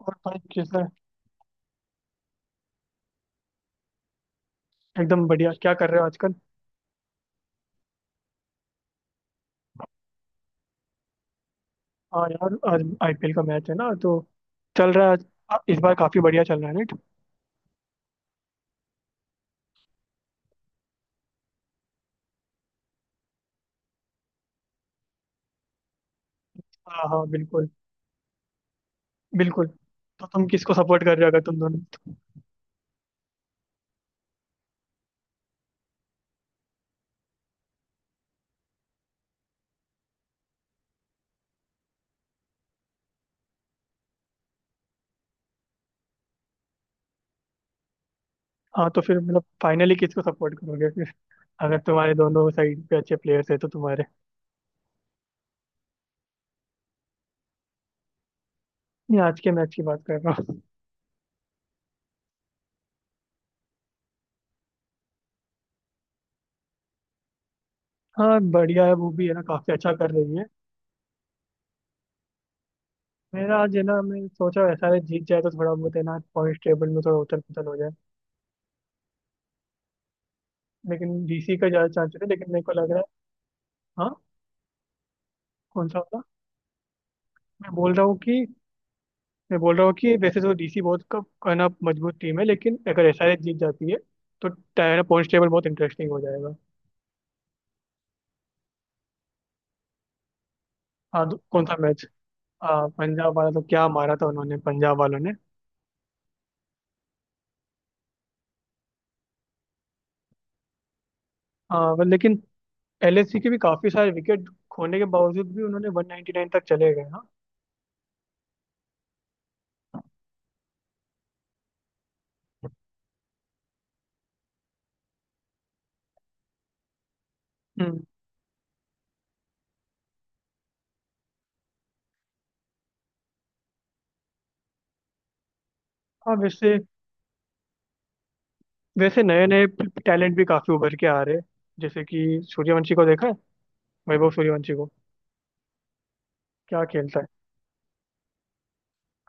और भाई कैसा है। एकदम बढ़िया, क्या कर रहे हो आजकल। हाँ यार, आज आईपीएल का मैच है ना, तो चल रहा है आज। इस बार काफी बढ़िया चल रहा है नेट। हाँ हाँ बिल्कुल। बिल्कुल। तो तुम किसको सपोर्ट कर रहे हो, अगर तुम दोनों। हाँ तो फिर मतलब फाइनली किसको सपोर्ट करोगे फिर, अगर तुम्हारे दोनों साइड पे अच्छे प्लेयर्स है तो तुम्हारे। नहीं आज के मैच की बात कर रहा हूँ। हाँ बढ़िया है, वो भी है ना काफी अच्छा कर रही है। मेरा आज है ना, मैं सोचा ऐसा है जीत जाए तो थोड़ा बहुत है ना पॉइंट टेबल में थोड़ा उथल पुथल हो जाए। लेकिन डीसी का ज्यादा चांस है, लेकिन मेरे को लग रहा है। हाँ। कौन सा वाला? मैं बोल रहा हूँ कि मैं बोल रहा हूँ कि वैसे तो डीसी बहुत का कहना मजबूत टीम है, लेकिन अगर एसआरएच जीत जाती है तो टायर पॉइंट टेबल बहुत इंटरेस्टिंग हो जाएगा। हाँ तो कौन सा मैच। हाँ पंजाब वाला तो क्या मारा था उन्होंने, पंजाब वालों ने। हाँ पर लेकिन एलएससी के भी काफी सारे विकेट खोने के बावजूद भी उन्होंने 199 तक चले गए हाँ। हम्म हाँ वैसे। नए नए टैलेंट भी काफी उभर के आ रहे हैं, जैसे कि सूर्यवंशी को देखा है, वैभव सूर्यवंशी को। क्या खेलता है।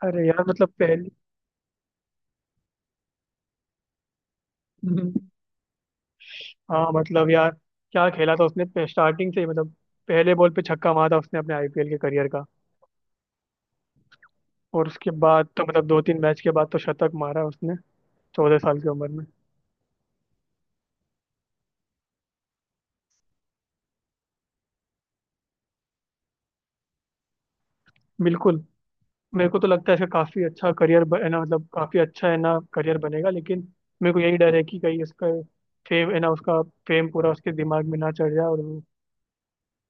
अरे यार मतलब पहले हाँ मतलब यार क्या खेला था उसने स्टार्टिंग से ही मतलब, पहले बॉल पे छक्का मारा था उसने अपने आईपीएल के करियर का, और उसके बाद तो मतलब दो तीन मैच के बाद तो शतक मारा उसने, 14 साल की उम्र में। बिल्कुल। मेरे को तो लगता है इसका काफी अच्छा करियर है ना, मतलब काफी अच्छा है ना करियर बनेगा, लेकिन मेरे को यही डर है कि कहीं इसका फेम है ना, उसका फेम पूरा उसके दिमाग में ना चढ़ जाए, और वो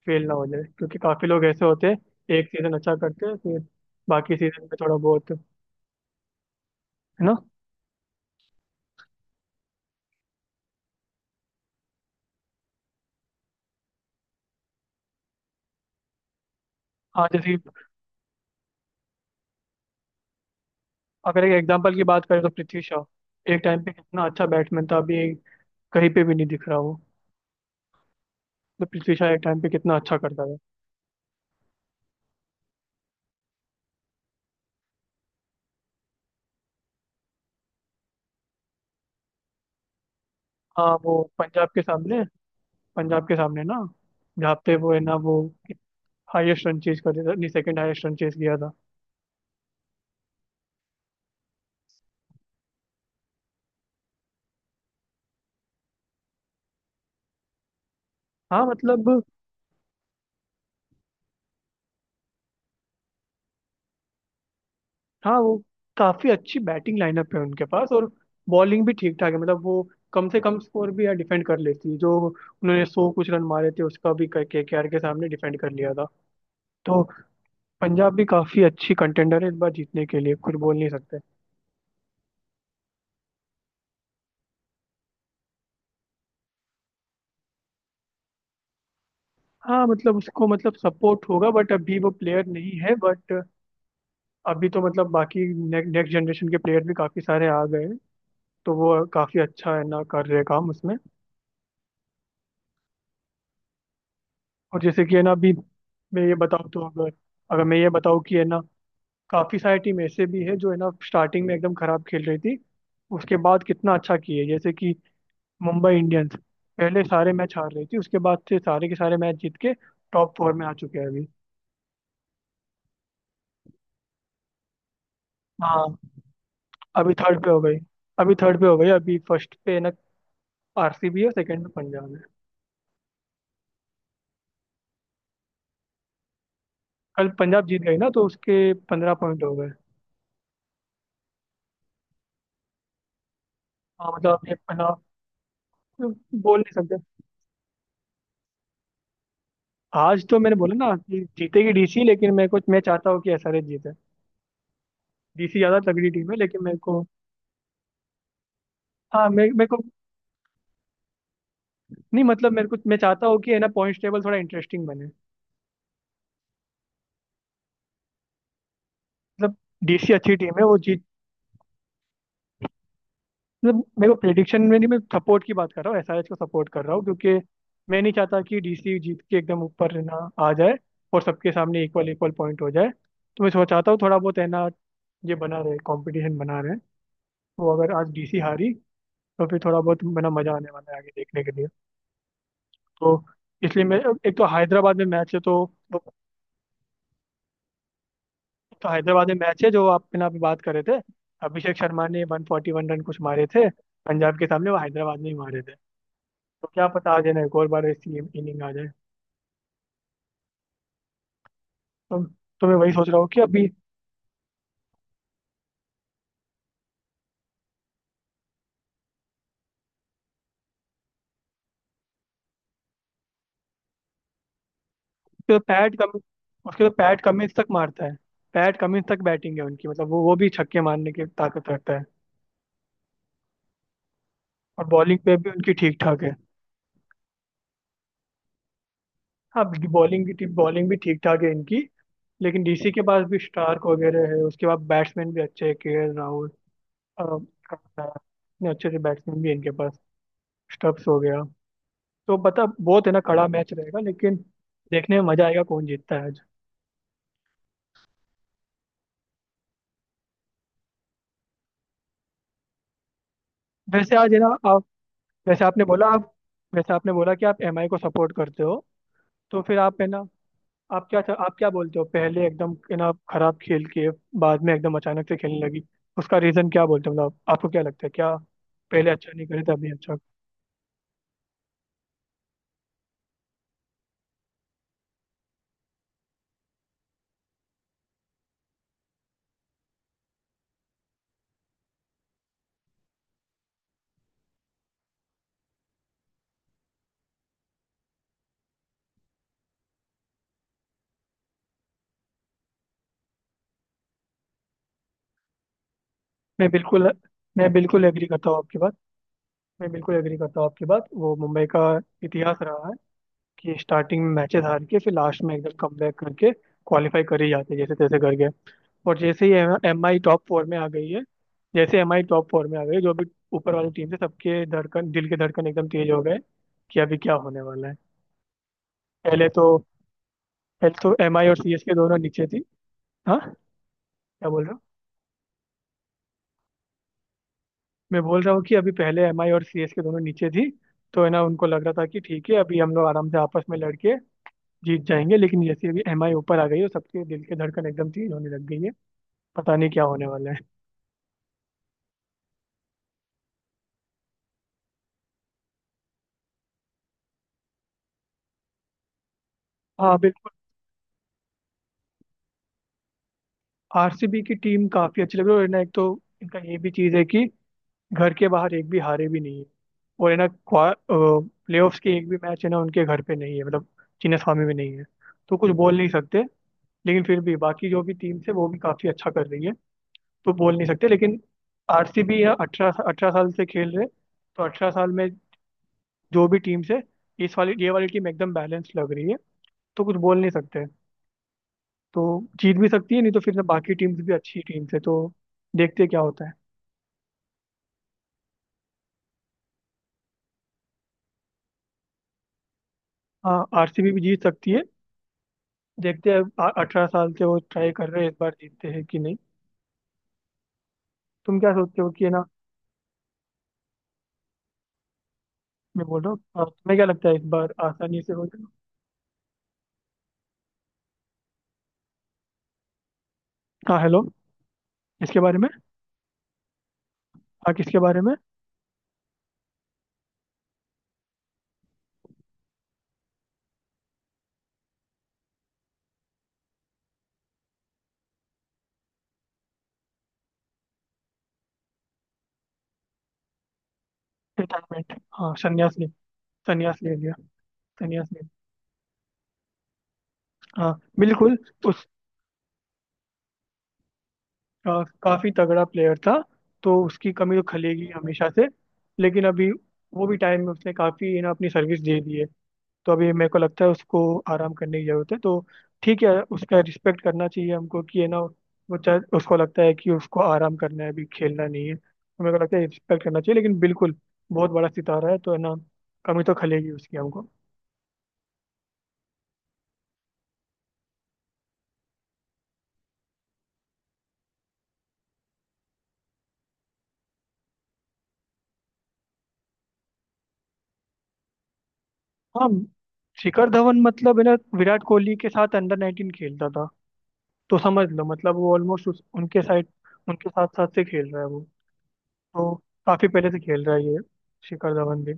फेल ना हो जाए, क्योंकि काफी लोग ऐसे होते हैं एक सीजन अच्छा करते हैं फिर बाकी सीजन में थोड़ा बहुत है ना। हाँ जैसे कि अगर एक एग्जांपल की बात करें तो पृथ्वी शॉ एक टाइम पे कितना अच्छा बैट्समैन था, अभी कहीं पे भी नहीं दिख रहा वो। तो पृथ्वी शॉ एक टाइम पे कितना अच्छा करता था। हाँ वो पंजाब के सामने, ना, जहाँ पे वो है ना, वो हाईएस्ट रन चेज कर दिया था, नहीं सेकंड हाईएस्ट रन चेज किया था। हाँ मतलब। हाँ वो काफी अच्छी बैटिंग लाइनअप है उनके पास, और बॉलिंग भी ठीक ठाक है, मतलब वो कम से कम स्कोर भी यार डिफेंड कर लेती है, जो उन्होंने सौ कुछ रन मारे थे उसका भी के आर के सामने डिफेंड कर लिया था। तो पंजाब भी काफी अच्छी कंटेंडर है इस बार जीतने के लिए, कुछ बोल नहीं सकते। हाँ मतलब उसको मतलब सपोर्ट होगा, बट अभी वो प्लेयर नहीं है, बट अभी तो मतलब बाकी नेक्स्ट जनरेशन के प्लेयर भी काफी सारे आ गए हैं, तो वो काफी अच्छा है ना कर रहे हैं काम उसमें। और जैसे कि है ना अभी मैं ये बताऊँ तो अगर अगर मैं ये बताऊँ कि है ना काफी सारी टीम ऐसे भी है जो है ना स्टार्टिंग में एकदम खराब खेल रही थी, उसके बाद कितना अच्छा किए, जैसे कि मुंबई इंडियंस पहले सारे मैच हार रही थी, उसके बाद से सारे के सारे मैच जीत के टॉप फोर में आ चुके हैं अभी। हाँ अभी थर्ड पे हो गई। अभी फर्स्ट पे ना आरसीबी है, सेकंड में पंजाब है। कल पंजाब जीत गई ना, तो उसके 15 पॉइंट हो गए। हाँ मतलब ये पंजाब बोल नहीं सकते। आज तो मैंने बोला ना कि जीतेगी डीसी, लेकिन मैं चाहता हूँ कि एसआरएच जीते। डीसी ज्यादा तगड़ी टीम है लेकिन मेरे को। हाँ मे मेरे को नहीं मतलब, मेरे को मैं चाहता हूँ कि है ना पॉइंट टेबल थोड़ा इंटरेस्टिंग बने, मतलब डीसी अच्छी टीम है वो, मतलब मेरे को प्रिडिक्शन में नहीं, मैं सपोर्ट की बात कर रहा हूँ, एसआरएच को सपोर्ट कर रहा हूँ क्योंकि मैं नहीं चाहता कि डीसी जीत के एकदम ऊपर है ना आ जाए, और सबके सामने इक्वल इक्वल पॉइंट हो जाए। तो मैं चाहता हूँ थोड़ा बहुत है ना ये बना रहे, कंपटीशन बना रहे। तो अगर आज डीसी हारी तो फिर थोड़ा बहुत मेरा मजा आने वाला है आगे देखने के लिए। तो इसलिए मैं, एक तो हैदराबाद में मैच है तो हैदराबाद में मैच है, जो आप बिना पे बात कर रहे थे, अभिषेक शर्मा ने 141 रन कुछ मारे थे पंजाब के सामने, वो हैदराबाद में ही मारे थे, तो क्या पता आज है ना एक और बार ऐसी इनिंग आ जाए। तो, तो मैं वही सोच रहा हूँ कि अभी। उसके तो पैट कम उसके तो पैट कमिंस तक मारता है, पैट कमिंस तक बैटिंग है उनकी, मतलब वो भी छक्के मारने की ताकत रखता है, और बॉलिंग पे भी उनकी ठीक ठाक है। हाँ बॉलिंग भी ठीक ठाक है इनकी। लेकिन डीसी के पास भी स्टार्क वगैरह है, उसके बाद बैट्समैन भी अच्छे हैं, के एल राहुल, अ, इतने अच्छे से बैट्समैन भी है इनके पास, स्टब्स हो गया। तो बता बहुत है ना कड़ा मैच रहेगा, लेकिन देखने में मजा आएगा कौन जीतता है आज। वैसे आज है ना आप, जैसे आपने बोला आप जैसे आपने बोला कि आप एमआई को सपोर्ट करते हो, तो फिर आप है ना, आप क्या बोलते हो, पहले एकदम है ना खराब खेल के बाद में एकदम अचानक से खेलने लगी, उसका रीजन क्या बोलते हो, मतलब आपको क्या लगता है क्या पहले अच्छा नहीं करे थे अभी अच्छा। मैं बिल्कुल मैं बिल्कुल एग्री करता हूँ आपकी बात मैं बिल्कुल एग्री करता हूँ आपकी बात, वो मुंबई का इतिहास रहा है कि स्टार्टिंग में मैचेस हार के फिर लास्ट में एकदम कमबैक करके क्वालिफाई कर ही जाते हैं, जैसे तैसे करके। और जैसे ही एम आई टॉप फोर में आ गई है, जैसे एम आई टॉप फोर में आ गई है, जो भी ऊपर वाली टीम थी सबके धड़कन, दिल के धड़कन एकदम तेज हो गए कि अभी क्या होने वाला है। पहले तो पहले तो एम आई और सी एस के दोनों नीचे थी। हाँ क्या बोल रहा हूँ। मैं बोल रहा हूँ कि अभी पहले एम आई और सी एस के दोनों नीचे थी, तो है ना उनको लग रहा था कि ठीक है अभी हम लोग आराम से आपस में लड़के जीत जाएंगे, लेकिन जैसे अभी एम आई ऊपर आ गई है तो सबके दिल के धड़कन एकदम तेज होने लग गई है, पता नहीं क्या होने वाला है। हाँ बिल्कुल। आरसीबी की टीम काफी अच्छी लग रही है, और है ना एक तो इनका ये भी चीज है कि घर के बाहर एक भी हारे भी नहीं है, और है ना प्लेऑफ्स के एक भी मैच है ना उनके घर पे नहीं है, मतलब चिन्नास्वामी में नहीं है, तो कुछ बोल नहीं सकते, लेकिन फिर भी बाकी जो भी टीम्स है वो भी काफी अच्छा कर रही है, तो बोल नहीं सकते लेकिन। आरसीबी या अठारह 18 साल से खेल रहे, तो 18 साल में जो भी टीम्स है, इस वाली ये वाली टीम एकदम बैलेंस लग रही है तो कुछ बोल नहीं सकते। तो जीत भी सकती है, नहीं तो फिर ना बाकी टीम्स भी अच्छी टीम्स है तो देखते हैं क्या होता है। हाँ आरसीबी भी जीत सकती है, देखते हैं, 18 साल के वो ट्राई कर रहे हैं इस बार जीतते हैं कि नहीं। तुम क्या सोचते हो कि है ना, मैं बोल रहा हूँ तुम्हें क्या लगता है इस बार आसानी से हो जाएगा। हाँ हेलो। इसके बारे में। हाँ किसके बारे में। रिटायरमेंट। हाँ संन्यास ले लिया संन्यास ले लिया। हाँ बिल्कुल। उस काफी तगड़ा प्लेयर था तो उसकी कमी तो खलेगी हमेशा से, लेकिन अभी वो भी टाइम में उसने काफी है ना अपनी सर्विस दे दी है, तो अभी मेरे को लगता है उसको आराम करने की जरूरत है तो ठीक है, उसका रिस्पेक्ट करना चाहिए हमको कि है ना वो चाहे, उसको लगता है कि उसको आराम करना है अभी खेलना नहीं है, तो मेरे को लगता है रिस्पेक्ट करना चाहिए, लेकिन बिल्कुल बहुत बड़ा सितारा है तो है ना कमी तो खलेगी उसकी हमको। हाँ शिखर धवन मतलब है ना विराट कोहली के साथ अंडर 19 खेलता था, तो समझ लो मतलब वो ऑलमोस्ट उनके साइड उनके साथ साथ से खेल रहा है वो, तो काफी पहले से खेल रहा है ये शिखर धवन भी।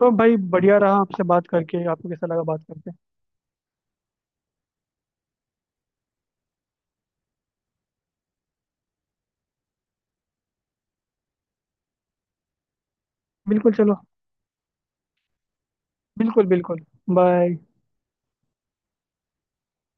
तो भाई बढ़िया रहा आपसे बात करके, आपको कैसा लगा बात करके। बिल्कुल चलो, बिल्कुल बिल्कुल। बाय।